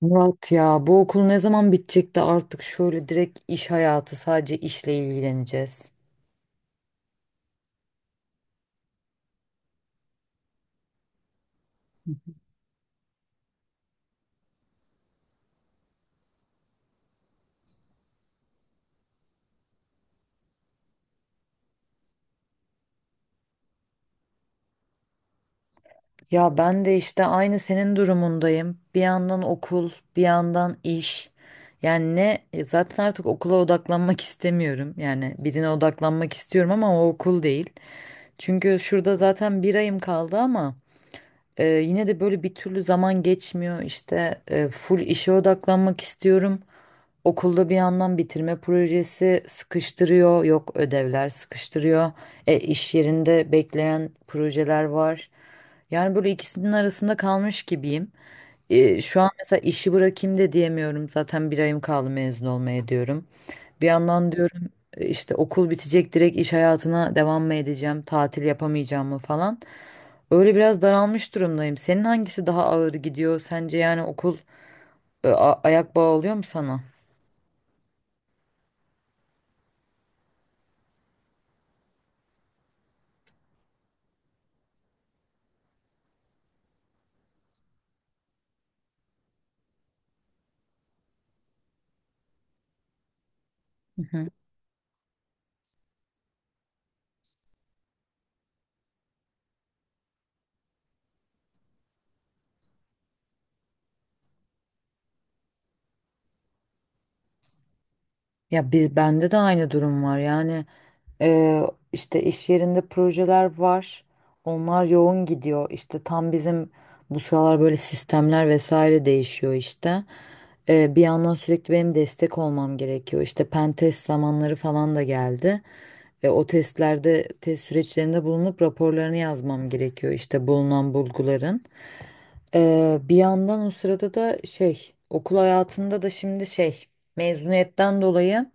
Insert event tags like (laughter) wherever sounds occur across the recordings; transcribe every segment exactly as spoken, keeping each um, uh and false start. Murat, ya bu okul ne zaman bitecek de artık şöyle direkt iş hayatı, sadece işle ilgileneceğiz. Ya ben de işte aynı senin durumundayım. Bir yandan okul, bir yandan iş. Yani ne e, zaten artık okula odaklanmak istemiyorum. Yani birine odaklanmak istiyorum ama o okul değil. Çünkü şurada zaten bir ayım kaldı ama e, yine de böyle bir türlü zaman geçmiyor. İşte e, full işe odaklanmak istiyorum. Okulda bir yandan bitirme projesi sıkıştırıyor, yok ödevler sıkıştırıyor. E, iş yerinde bekleyen projeler var. Yani böyle ikisinin arasında kalmış gibiyim. E, şu an mesela işi bırakayım da diyemiyorum. Zaten bir ayım kaldı mezun olmaya diyorum. Bir yandan diyorum e, işte okul bitecek, direkt iş hayatına devam mı edeceğim, tatil yapamayacağım mı falan. Öyle biraz daralmış durumdayım. Senin hangisi daha ağır gidiyor sence, yani okul e, a- ayak bağı oluyor mu sana? Hı hı. Ya biz bende de aynı durum var. Yani eee, işte iş yerinde projeler var. Onlar yoğun gidiyor. İşte tam bizim bu sıralar böyle sistemler vesaire değişiyor işte. Eee, bir yandan sürekli benim destek olmam gerekiyor. İşte pen test zamanları falan da geldi. E, o testlerde, test süreçlerinde bulunup raporlarını yazmam gerekiyor, işte bulunan bulguların. E, bir yandan o sırada da şey, okul hayatında da şimdi şey, mezuniyetten dolayı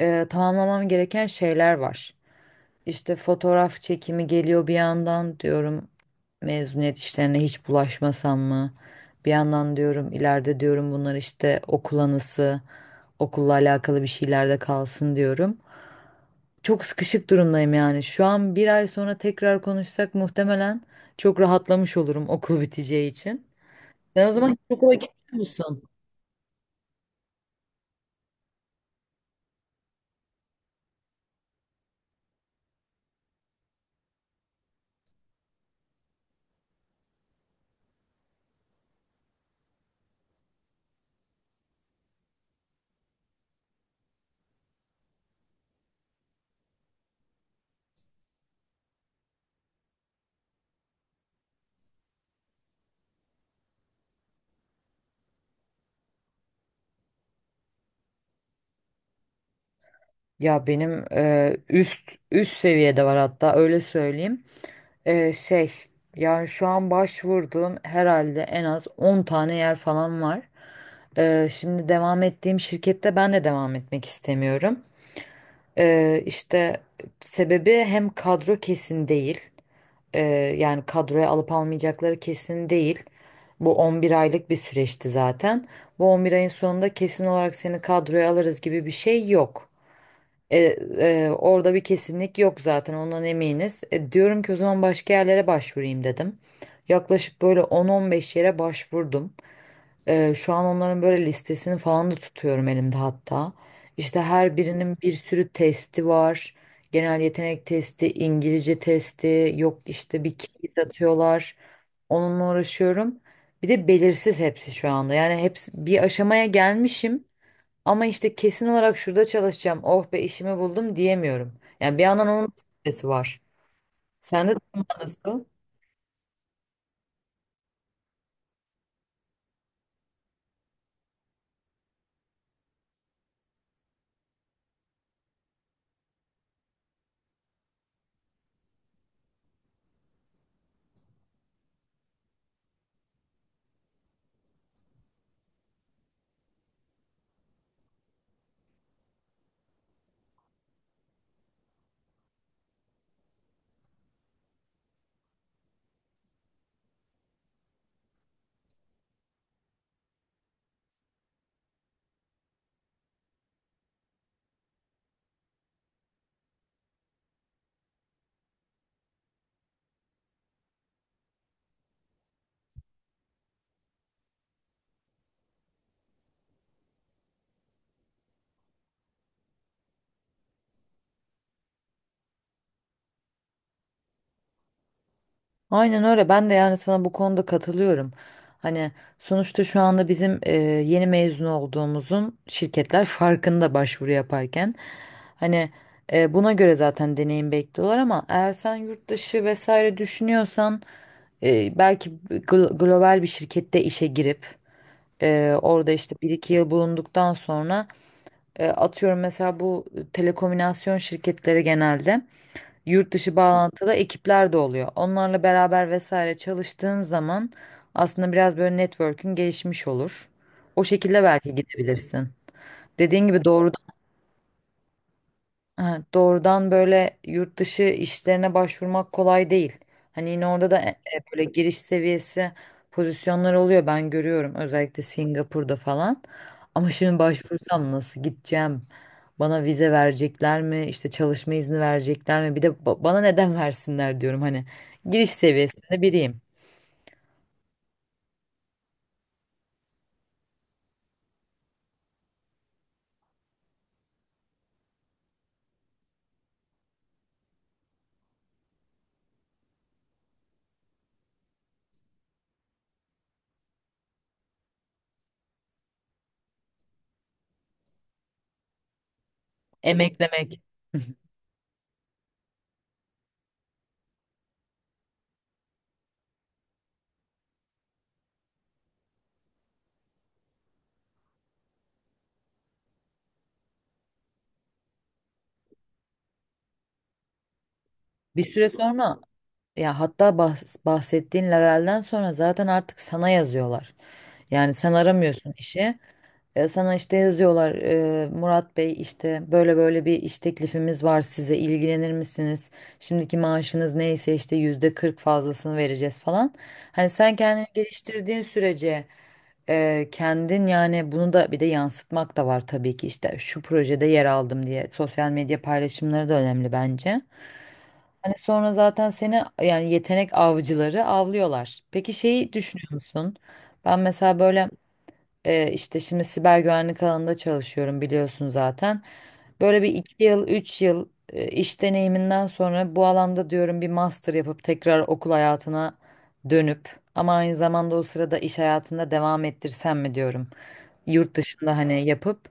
e, tamamlamam gereken şeyler var. İşte fotoğraf çekimi geliyor, bir yandan diyorum mezuniyet işlerine hiç bulaşmasam mı? Bir yandan diyorum ileride diyorum bunlar işte okul anısı, okulla alakalı bir şeyler de kalsın diyorum. Çok sıkışık durumdayım yani. Şu an bir ay sonra tekrar konuşsak muhtemelen çok rahatlamış olurum okul biteceği için. Sen o zaman hiç okula gitmiyor musun? Ya benim e, üst üst seviyede var, hatta öyle söyleyeyim. Ee, şey, yani şu an başvurduğum herhalde en az on tane yer falan var. Ee, şimdi devam ettiğim şirkette ben de devam etmek istemiyorum. Ee, işte sebebi, hem kadro kesin değil. Ee, yani kadroya alıp almayacakları kesin değil. Bu on bir aylık bir süreçti zaten. Bu on bir ayın sonunda kesin olarak seni kadroya alırız gibi bir şey yok. E, e, orada bir kesinlik yok zaten, ondan eminiz. E, diyorum ki o zaman başka yerlere başvurayım dedim. Yaklaşık böyle on on beş yere başvurdum. E, şu an onların böyle listesini falan da tutuyorum elimde hatta. İşte her birinin bir sürü testi var. Genel yetenek testi, İngilizce testi, yok işte bir quiz atıyorlar. Onunla uğraşıyorum. Bir de belirsiz hepsi şu anda. Yani hepsi bir aşamaya gelmişim. Ama işte kesin olarak şurada çalışacağım, oh be işimi buldum diyemiyorum. Yani bir yandan onun stresi var. Sende de nasıl? Aynen öyle. Ben de yani sana bu konuda katılıyorum. Hani sonuçta şu anda bizim e, yeni mezun olduğumuzun şirketler farkında başvuru yaparken. Hani e, buna göre zaten deneyim bekliyorlar ama eğer sen yurt dışı vesaire düşünüyorsan e, belki gl- global bir şirkette işe girip e, orada işte bir iki yıl bulunduktan sonra. E, Atıyorum mesela, bu telekomünikasyon şirketleri genelde yurt dışı bağlantılı ekipler de oluyor. Onlarla beraber vesaire çalıştığın zaman aslında biraz böyle network'ün gelişmiş olur. O şekilde belki gidebilirsin. Dediğin gibi doğru. Ha, doğrudan böyle yurt dışı işlerine başvurmak kolay değil. Hani yine orada da e- e, böyle giriş seviyesi pozisyonlar oluyor, ben görüyorum özellikle Singapur'da falan. Ama şimdi başvursam nasıl gideceğim? Bana vize verecekler mi? İşte çalışma izni verecekler mi? Bir de ba- bana neden versinler diyorum hani. Giriş seviyesinde biriyim. Emeklemek. (laughs) Bir süre sonra, ya hatta bahs- bahsettiğin levelden sonra zaten artık sana yazıyorlar. Yani sen aramıyorsun işi. E, Sana işte yazıyorlar, e, Murat Bey işte böyle böyle bir iş teklifimiz var, size ilgilenir misiniz? Şimdiki maaşınız neyse işte yüzde kırk fazlasını vereceğiz falan. Hani sen kendini geliştirdiğin sürece e, kendin, yani bunu da bir de yansıtmak da var tabii ki, işte şu projede yer aldım diye sosyal medya paylaşımları da önemli bence. Hani sonra zaten seni yani yetenek avcıları avlıyorlar. Peki şeyi düşünüyor musun? Ben mesela böyle ee, işte şimdi siber güvenlik alanında çalışıyorum, biliyorsun zaten. Böyle bir iki yıl, üç yıl e, iş deneyiminden sonra bu alanda diyorum bir master yapıp tekrar okul hayatına dönüp ama aynı zamanda o sırada iş hayatında devam ettirsem mi diyorum. Yurt dışında hani yapıp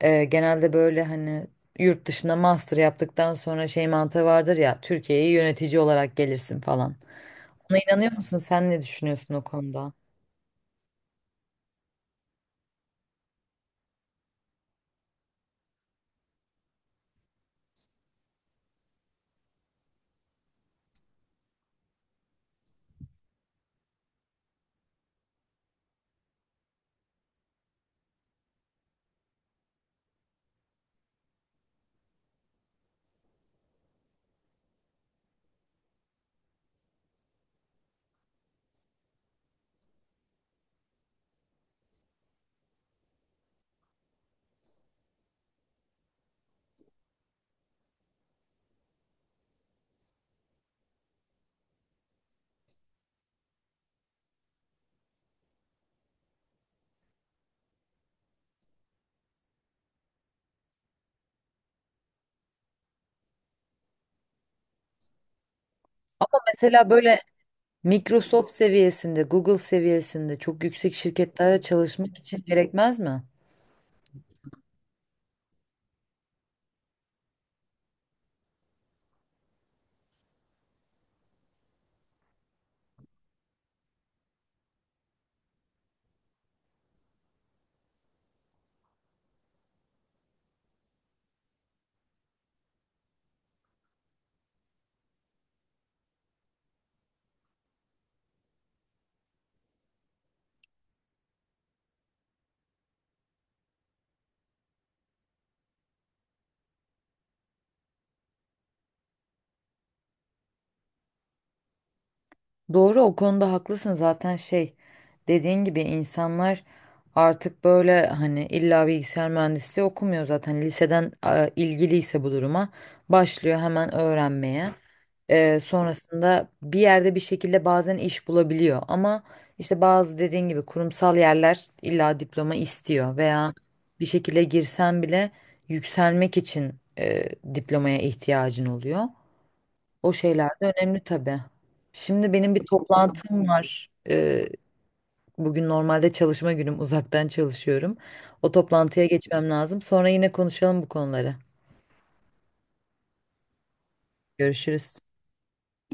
e, genelde böyle hani yurt dışında master yaptıktan sonra şey mantığı vardır ya, Türkiye'ye yönetici olarak gelirsin falan. Buna inanıyor musun? Sen ne düşünüyorsun o konuda? Mesela böyle Microsoft seviyesinde, Google seviyesinde çok yüksek şirketlerde çalışmak için gerekmez mi? Doğru, o konuda haklısın zaten. Şey, dediğin gibi insanlar artık böyle hani illa bilgisayar mühendisliği okumuyor, zaten liseden e, ilgiliyse bu duruma başlıyor hemen öğrenmeye. Ee, sonrasında bir yerde bir şekilde bazen iş bulabiliyor ama işte bazı, dediğin gibi, kurumsal yerler illa diploma istiyor veya bir şekilde girsen bile yükselmek için e, diplomaya ihtiyacın oluyor. O şeyler de önemli tabii. Şimdi benim bir toplantım var. Ee, bugün normalde çalışma günüm, uzaktan çalışıyorum. O toplantıya geçmem lazım. Sonra yine konuşalım bu konuları. Görüşürüz.